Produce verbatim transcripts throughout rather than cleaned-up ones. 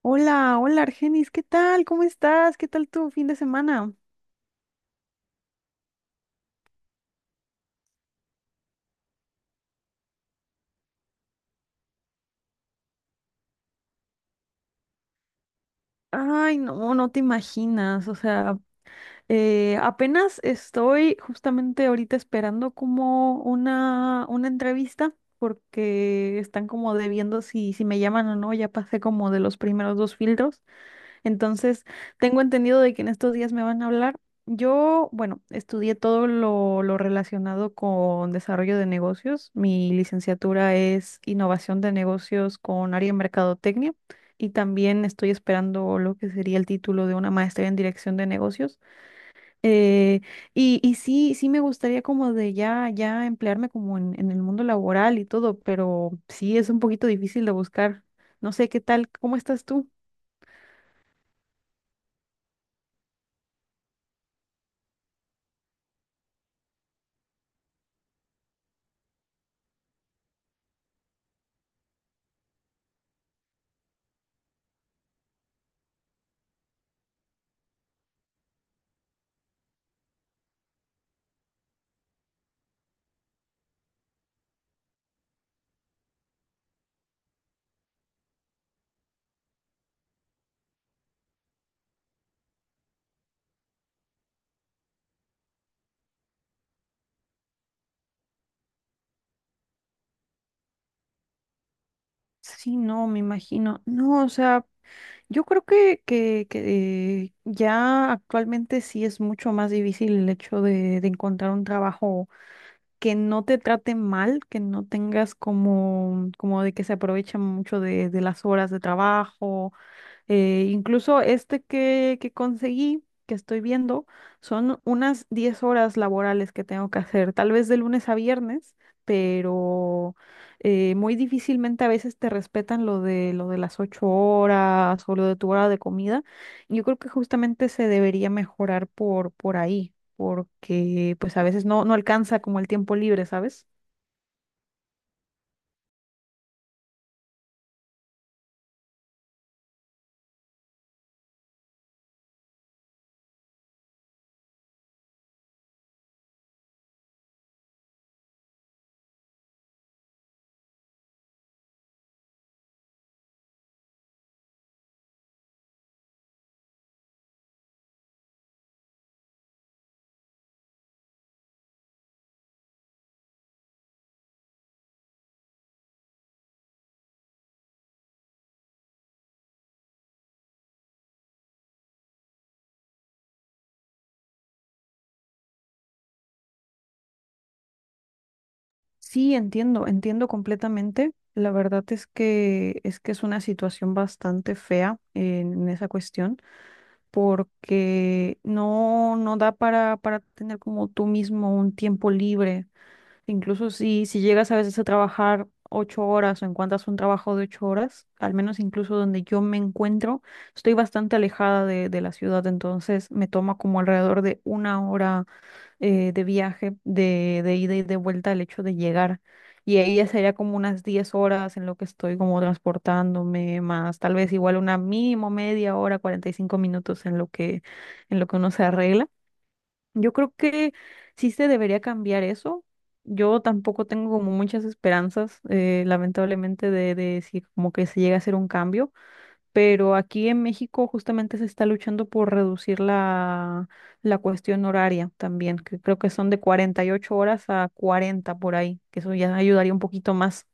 Hola, hola Argenis, ¿qué tal? ¿Cómo estás? ¿Qué tal tu fin de semana? Ay, no, no te imaginas. O sea, eh, apenas estoy justamente ahorita esperando como una, una entrevista porque están como debiendo si, si me llaman o no. Ya pasé como de los primeros dos filtros. Entonces, tengo entendido de que en estos días me van a hablar. Yo, bueno, estudié todo lo, lo relacionado con desarrollo de negocios. Mi licenciatura es innovación de negocios con área en mercadotecnia y también estoy esperando lo que sería el título de una maestría en dirección de negocios. Eh, y, y sí, sí me gustaría como de ya, ya emplearme como en, en el mundo laboral y todo, pero sí es un poquito difícil de buscar. No sé qué tal, ¿cómo estás tú? Sí, no, me imagino. No, o sea, yo creo que, que, que ya actualmente sí es mucho más difícil el hecho de, de encontrar un trabajo que no te trate mal, que no tengas como, como de que se aprovechan mucho de, de las horas de trabajo eh, incluso este que, que conseguí, que estoy viendo, son unas diez horas laborales que tengo que hacer, tal vez de lunes a viernes, pero eh, muy difícilmente a veces te respetan lo de, lo de las ocho horas o lo de tu hora de comida. Yo creo que justamente se debería mejorar por, por ahí, porque pues a veces no, no alcanza como el tiempo libre, ¿sabes? Sí, entiendo, entiendo completamente. La verdad es que es que es una situación bastante fea en esa cuestión, porque no, no da para, para tener como tú mismo un tiempo libre. Incluso si, si llegas a veces a trabajar ocho horas o encuentras un trabajo de ocho horas, al menos incluso donde yo me encuentro, estoy bastante alejada de, de la ciudad, entonces me toma como alrededor de una hora eh, de viaje, de, de ida y de vuelta, el hecho de llegar. Y ahí ya sería como unas diez horas en lo que estoy como transportándome, más tal vez igual una mínimo media hora, cuarenta y cinco minutos en lo que, en lo que uno se arregla. Yo creo que sí se debería cambiar eso. Yo tampoco tengo como muchas esperanzas, eh, lamentablemente, de, de si como que se llega a hacer un cambio, pero aquí en México justamente se está luchando por reducir la, la cuestión horaria también, que creo que son de cuarenta y ocho horas a cuarenta por ahí, que eso ya ayudaría un poquito más.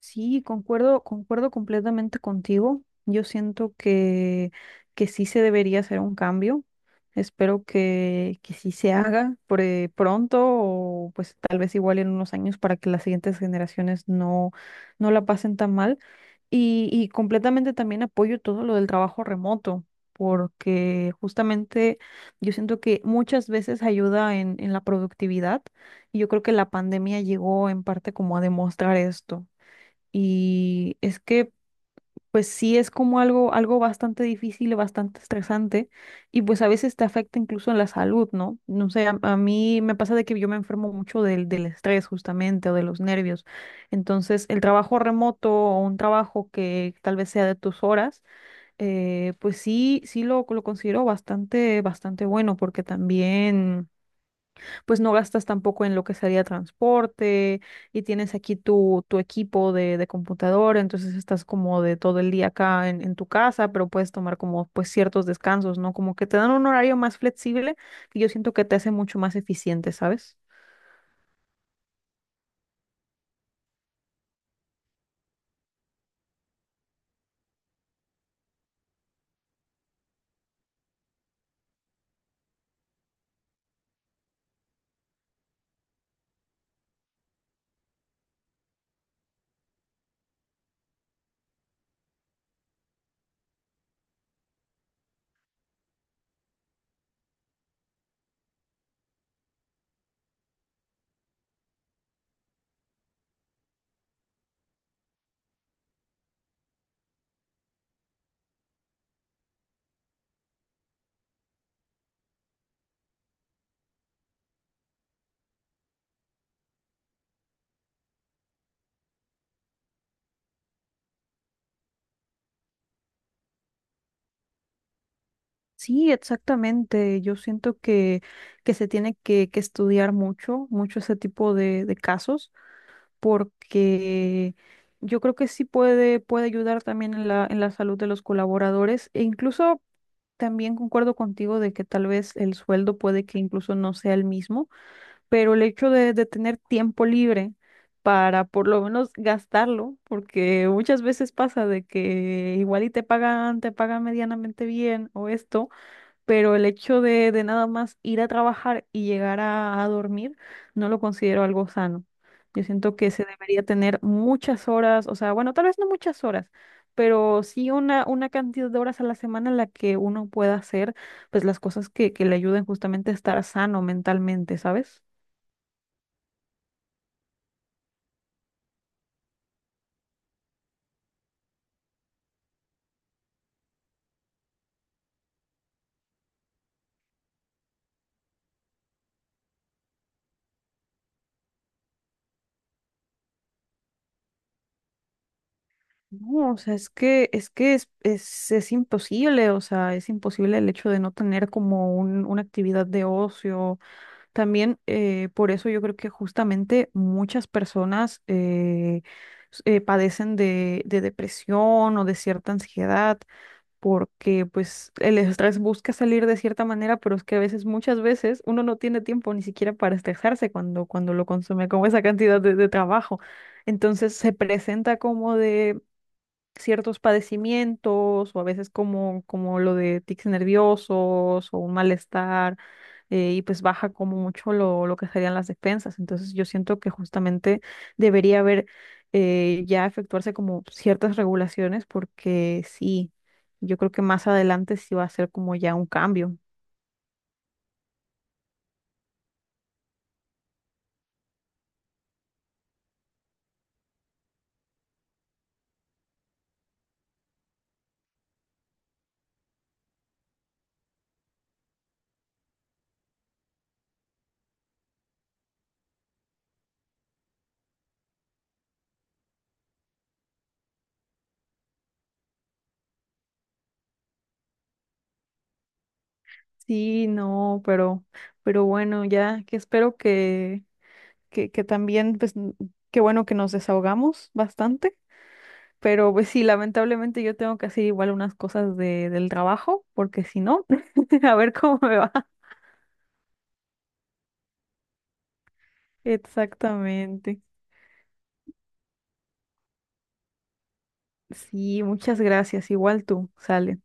Sí, concuerdo, concuerdo completamente contigo. Yo siento que, que sí se debería hacer un cambio. Espero que, que sí se haga pre- pronto o pues tal vez igual en unos años para que las siguientes generaciones no, no la pasen tan mal. Y, y completamente también apoyo todo lo del trabajo remoto, porque justamente yo siento que muchas veces ayuda en, en la productividad, y yo creo que la pandemia llegó en parte como a demostrar esto. Y es que, pues sí, es como algo, algo bastante difícil, y bastante estresante, y pues a veces te afecta incluso en la salud, ¿no? No sé, a, a mí me pasa de que yo me enfermo mucho del, del estrés justamente o de los nervios. Entonces, el trabajo remoto o un trabajo que tal vez sea de tus horas, eh, pues sí, sí lo, lo considero bastante, bastante bueno, porque también pues no gastas tampoco en lo que sería transporte y tienes aquí tu, tu equipo de, de computador, entonces estás como de todo el día acá en, en tu casa, pero puedes tomar como pues ciertos descansos, ¿no? Como que te dan un horario más flexible que yo siento que te hace mucho más eficiente, ¿sabes? Sí, exactamente. Yo siento que, que se tiene que, que estudiar mucho, mucho ese tipo de, de casos. Porque yo creo que sí puede, puede ayudar también en la, en la salud de los colaboradores, e incluso también concuerdo contigo de que tal vez el sueldo puede que incluso no sea el mismo, pero el hecho de, de tener tiempo libre para por lo menos gastarlo, porque muchas veces pasa de que igual y te pagan, te pagan medianamente bien o esto, pero el hecho de, de nada más ir a trabajar y llegar a, a dormir no lo considero algo sano. Yo siento que se debería tener muchas horas, o sea, bueno, tal vez no muchas horas, pero sí una, una cantidad de horas a la semana en la que uno pueda hacer pues las cosas que, que le ayuden justamente a estar sano mentalmente, ¿sabes? No, o sea, es que, es que es, es, es imposible, o sea, es imposible el hecho de no tener como un, una actividad de ocio. También eh, por eso yo creo que justamente muchas personas eh, s- eh, padecen de, de depresión o de cierta ansiedad, porque pues el estrés busca salir de cierta manera, pero es que a veces, muchas veces, uno no tiene tiempo ni siquiera para estresarse cuando, cuando lo consume con esa cantidad de, de trabajo. Entonces se presenta como de ciertos padecimientos o a veces como, como lo de tics nerviosos o un malestar, eh, y pues baja como mucho lo, lo que serían las despensas. Entonces yo siento que justamente debería haber, eh, ya efectuarse como ciertas regulaciones, porque sí, yo creo que más adelante sí va a ser como ya un cambio. Sí, no, pero, pero bueno, ya que espero que, que, que también, pues n- qué bueno que nos desahogamos bastante. Pero pues sí, lamentablemente yo tengo que hacer igual unas cosas de, del trabajo, porque si no, a ver cómo me va. Exactamente. Sí, muchas gracias. Igual tú, sale.